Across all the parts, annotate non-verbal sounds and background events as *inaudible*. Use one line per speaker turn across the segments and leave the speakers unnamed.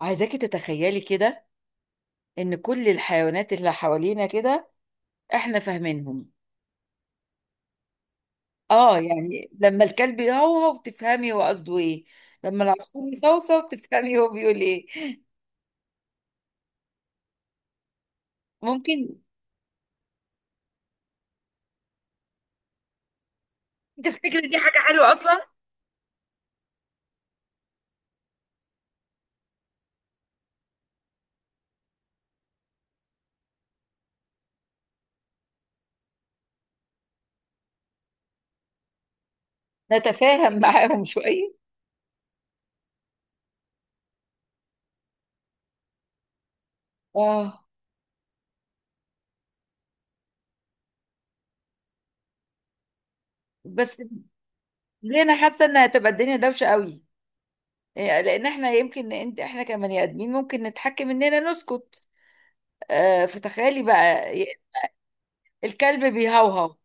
عايزاكي تتخيلي كده، ان كل الحيوانات اللي حوالينا كده احنا فاهمينهم. اه يعني لما الكلب يهوهو بتفهمي هو قصده ايه، لما العصفور يصوصو بتفهمي هو بيقول ايه. ممكن. *laughs* تفتكري دي حاجة حلوة اصلا نتفاهم معاهم شوية؟ اه بس ليه انا حاسة انها هتبقى الدنيا دوشة قوي؟ إيه، لان احنا يمكن انت احنا كبني ادمين ممكن نتحكم اننا نسكت. آه فتخيلي بقى، الكلب بيهوهو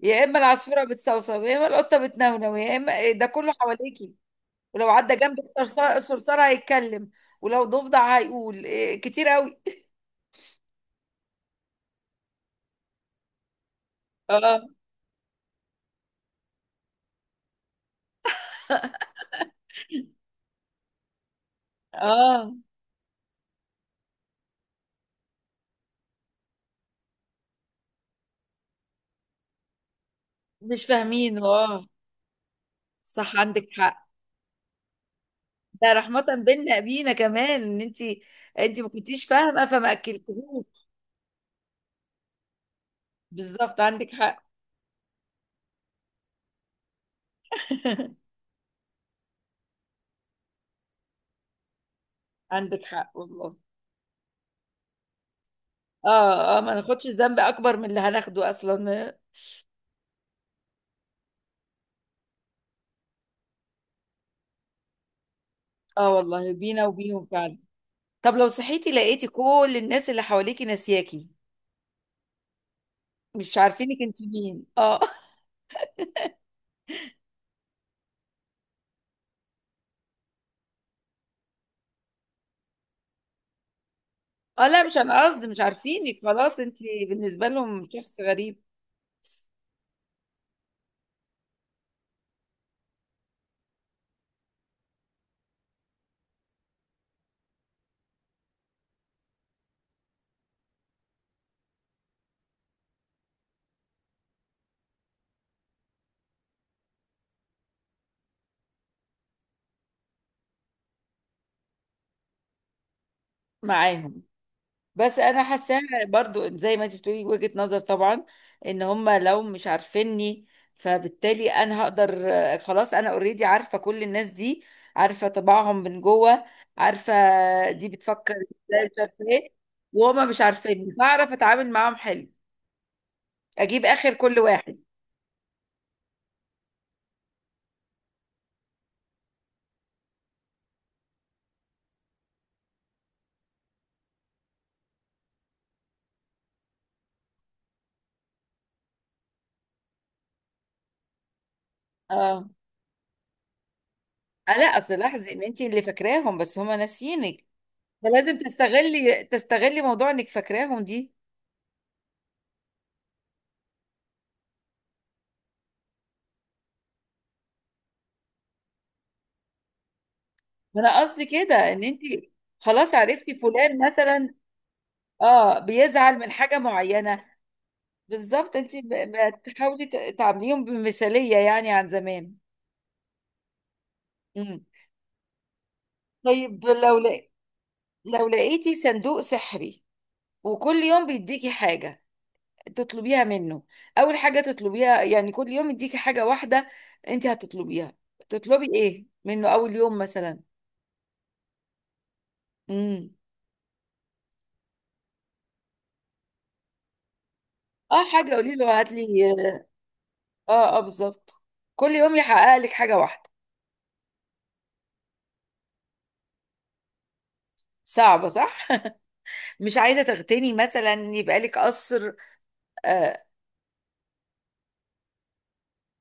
يا اما العصفوره بتصوصو يا اما القطه بتنونو يا اما ده كله حواليكي، ولو عدى جنبك صرصار صرصار هيتكلم، ولو ضفدع هيقول إيه، كتير قوي. اه اه مش فاهمين، اه صح عندك حق. ده رحمة بينا بينا كمان، ان انت ما كنتيش فاهمة فما اكلتهوش. بالظبط عندك حق. *laughs* عندك حق والله. اه اه ما ناخدش الذنب اكبر من اللي هناخده اصلا. اه والله بينا وبيهم فعلا. طب لو صحيتي لقيتي كل الناس اللي حواليكي ناسياكي، مش عارفينك انت مين؟ اه اه لا مش، انا قصدي مش عارفينك خلاص، انت بالنسبه لهم شخص غريب. معاهم؟ بس انا حاساها برضو زي ما انت بتقولي وجهة نظر طبعا، ان هم لو مش عارفيني فبالتالي انا هقدر خلاص، انا اوريدي عارفه كل الناس دي، عارفه طباعهم من جوه، عارفه دي بتفكر ازاي مش عارفه ايه، وهما مش عارفيني فاعرف اتعامل معاهم حلو اجيب اخر كل واحد. اه لا اصل لاحظي ان انت اللي فاكراهم بس هما ناسيينك، فلازم تستغلي موضوع انك فاكراهم دي. ما انا قصدي كده ان انت خلاص عرفتي فلان مثلا، اه بيزعل من حاجة معينة. بالظبط انت بتحاولي تعامليهم بمثالية يعني عن زمان. امم. طيب لو لقيتي صندوق سحري وكل يوم بيديكي حاجة تطلبيها منه، اول حاجه تطلبيها يعني كل يوم يديكي حاجه واحده انت هتطلبيها، تطلبي ايه منه اول يوم مثلا؟ امم اه حاجه قولي له هات لي، اه اه بالظبط كل يوم يحقق لك حاجه واحده. صعبه صح؟ *laughs* مش عايزه تغتني مثلا يبقى لك قصر، آه،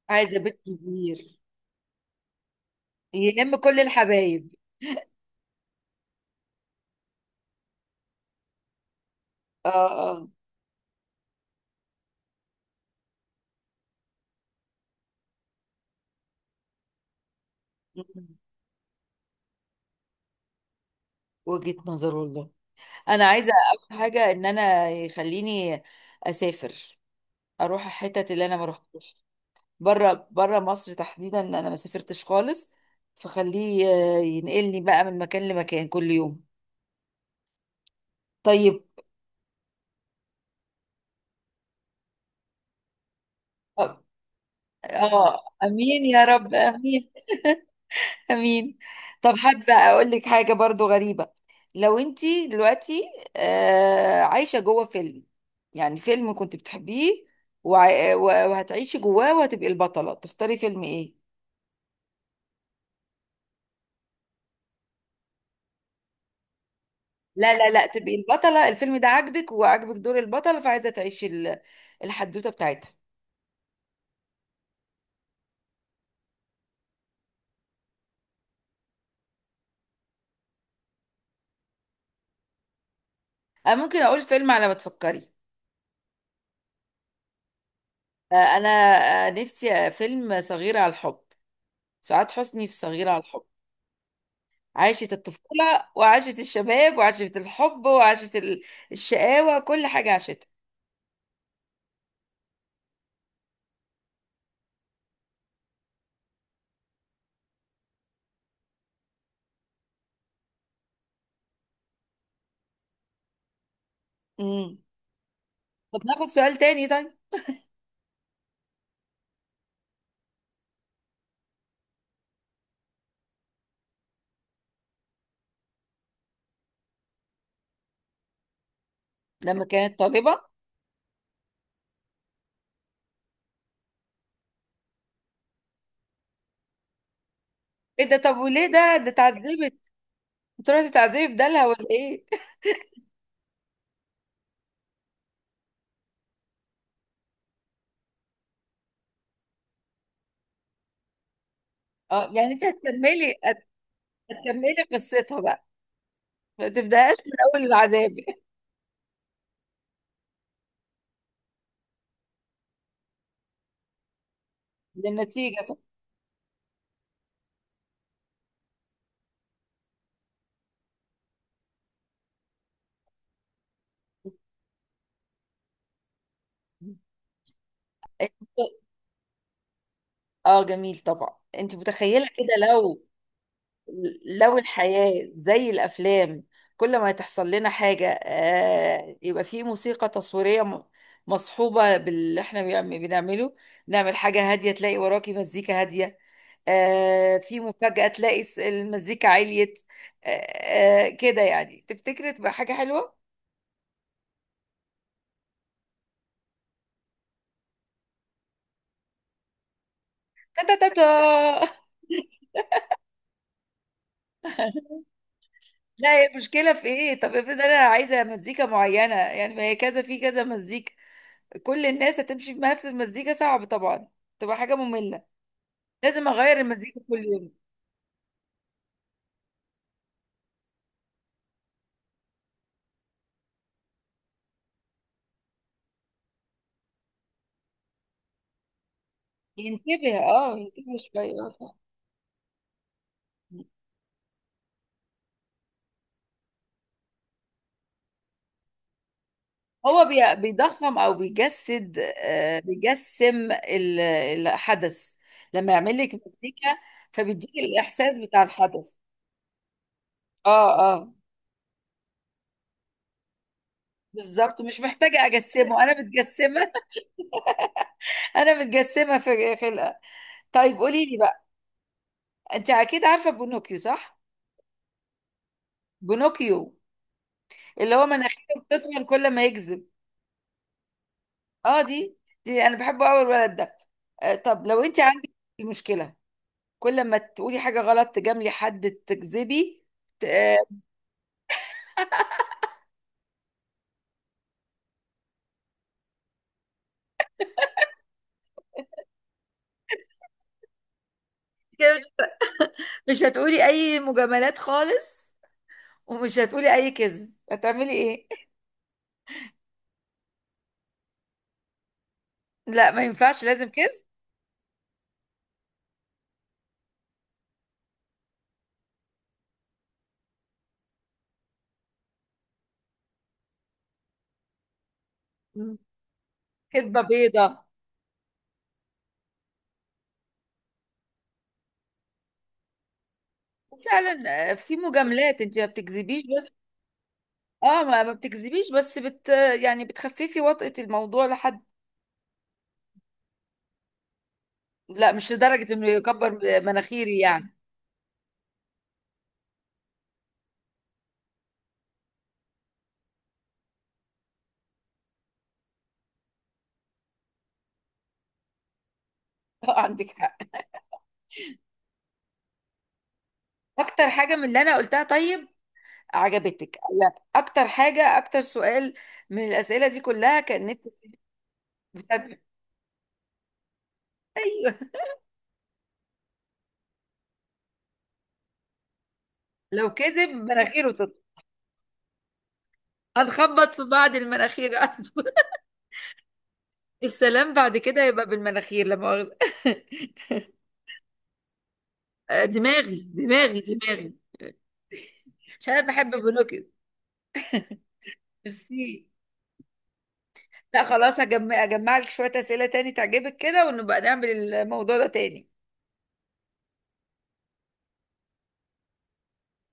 عايزه بيت كبير يلم كل الحبايب؟ اه اه. مم. وجهة نظر والله. انا عايزه اول حاجه ان انا يخليني اسافر، اروح الحتت اللي انا ما رحتش، بره بره مصر تحديدا انا ما سافرتش خالص، فخليه ينقلني بقى من مكان لمكان كل يوم. طيب. اه امين يا رب امين، امين. طب حابه اقول لك حاجه برضو غريبه، لو انتي دلوقتي عايشه جوه فيلم، يعني فيلم كنت بتحبيه وهتعيشي جواه وهتبقي البطله، تختاري فيلم ايه؟ لا لا لا تبقي البطله، الفيلم ده عاجبك وعاجبك دور البطله فعايزه تعيشي الحدوته بتاعتها. أه ممكن اقول فيلم على ما تفكري، أه انا أه نفسي أه فيلم صغيرة على الحب، سعاد حسني في صغيرة على الحب، عاشت الطفولة وعاشت الشباب وعاشت الحب وعاشت الشقاوة، كل حاجة عاشتها. امم. طب ناخد سؤال تاني طيب. لما كانت طالبة. ايه ده طب وليه ده اتعذبت، تروحي تتعذبي بدالها ولا ايه؟ *laughs* اه يعني انت هتكملي هتكملي قصتها بقى، ما تبداهاش من اول العذاب؟ *laughs* للنتيجة. صح. اه جميل طبعا. انت متخيله كده لو الحياه زي الافلام، كل ما تحصل لنا حاجه آه يبقى في موسيقى تصويريه مصحوبه باللي احنا بنعمله، نعمل حاجه هاديه تلاقي وراكي مزيكا هاديه، آه في مفاجاه تلاقي المزيكا عليت، آه آه كده يعني، تفتكري تبقى حاجه حلوه؟ تا تا تا تا. *laughs* لا هي المشكلة في ايه؟ طب افرض انا عايزة مزيكا معينة، يعني ما هي كذا في كذا مزيكا، كل الناس هتمشي بنفس المزيكا صعب طبعا، تبقى حاجة مملة، لازم اغير المزيكا كل يوم. ينتبه، اه ينتبه شوية، اه صح. هو بيضخم او بيجسد، آه، بيجسم الحدث، لما يعمل لك مزيكا فبيديك الاحساس بتاع الحدث. اه اه بالظبط مش محتاجة اجسمه، انا متجسمة. *laughs* انا متجسمة في خلقة. طيب قولي لي بقى، انت اكيد عارفة بونوكيو صح؟ بونوكيو، اللي هو مناخيره بتطول كل ما يكذب. اه دي انا بحبه قوي الولد ده. آه طب لو انت عندك مشكله، كل ما تقولي حاجه غلط تجاملي حد تكذبي ت- آه، كده، مش هتقولي اي مجاملات خالص، ومش هتقولي اي كذب، هتعملي ايه؟ *laughs* لا ما ينفعش لازم كذب. مم. كذبه بيضه. وفعلا في مجاملات انت ما بتكذبيش، بس اه ما بتكذبيش بس بت، يعني بتخففي وطأة الموضوع لحد. لا مش لدرجة انه يكبر مناخيري يعني. *laughs* عندك حق. اكتر حاجة من اللي انا قلتها طيب عجبتك؟ لا اكتر حاجة اكتر سؤال من الاسئلة دي كلها كان نفسك بتعمل- *laughs* ايوه. لو كذب مناخيره تطلع، هنخبط في بعض المناخير على طول. *laughs* السلام بعد كده يبقى بالمناخير لا مؤاخذة. *laughs* دماغي دماغي دماغي. عشان انا بحب بلوكت. ميرسي. لا خلاص هجمع اجمع لك شوية اسئلة تاني تعجبك كده، ونبقى نعمل الموضوع ده تاني.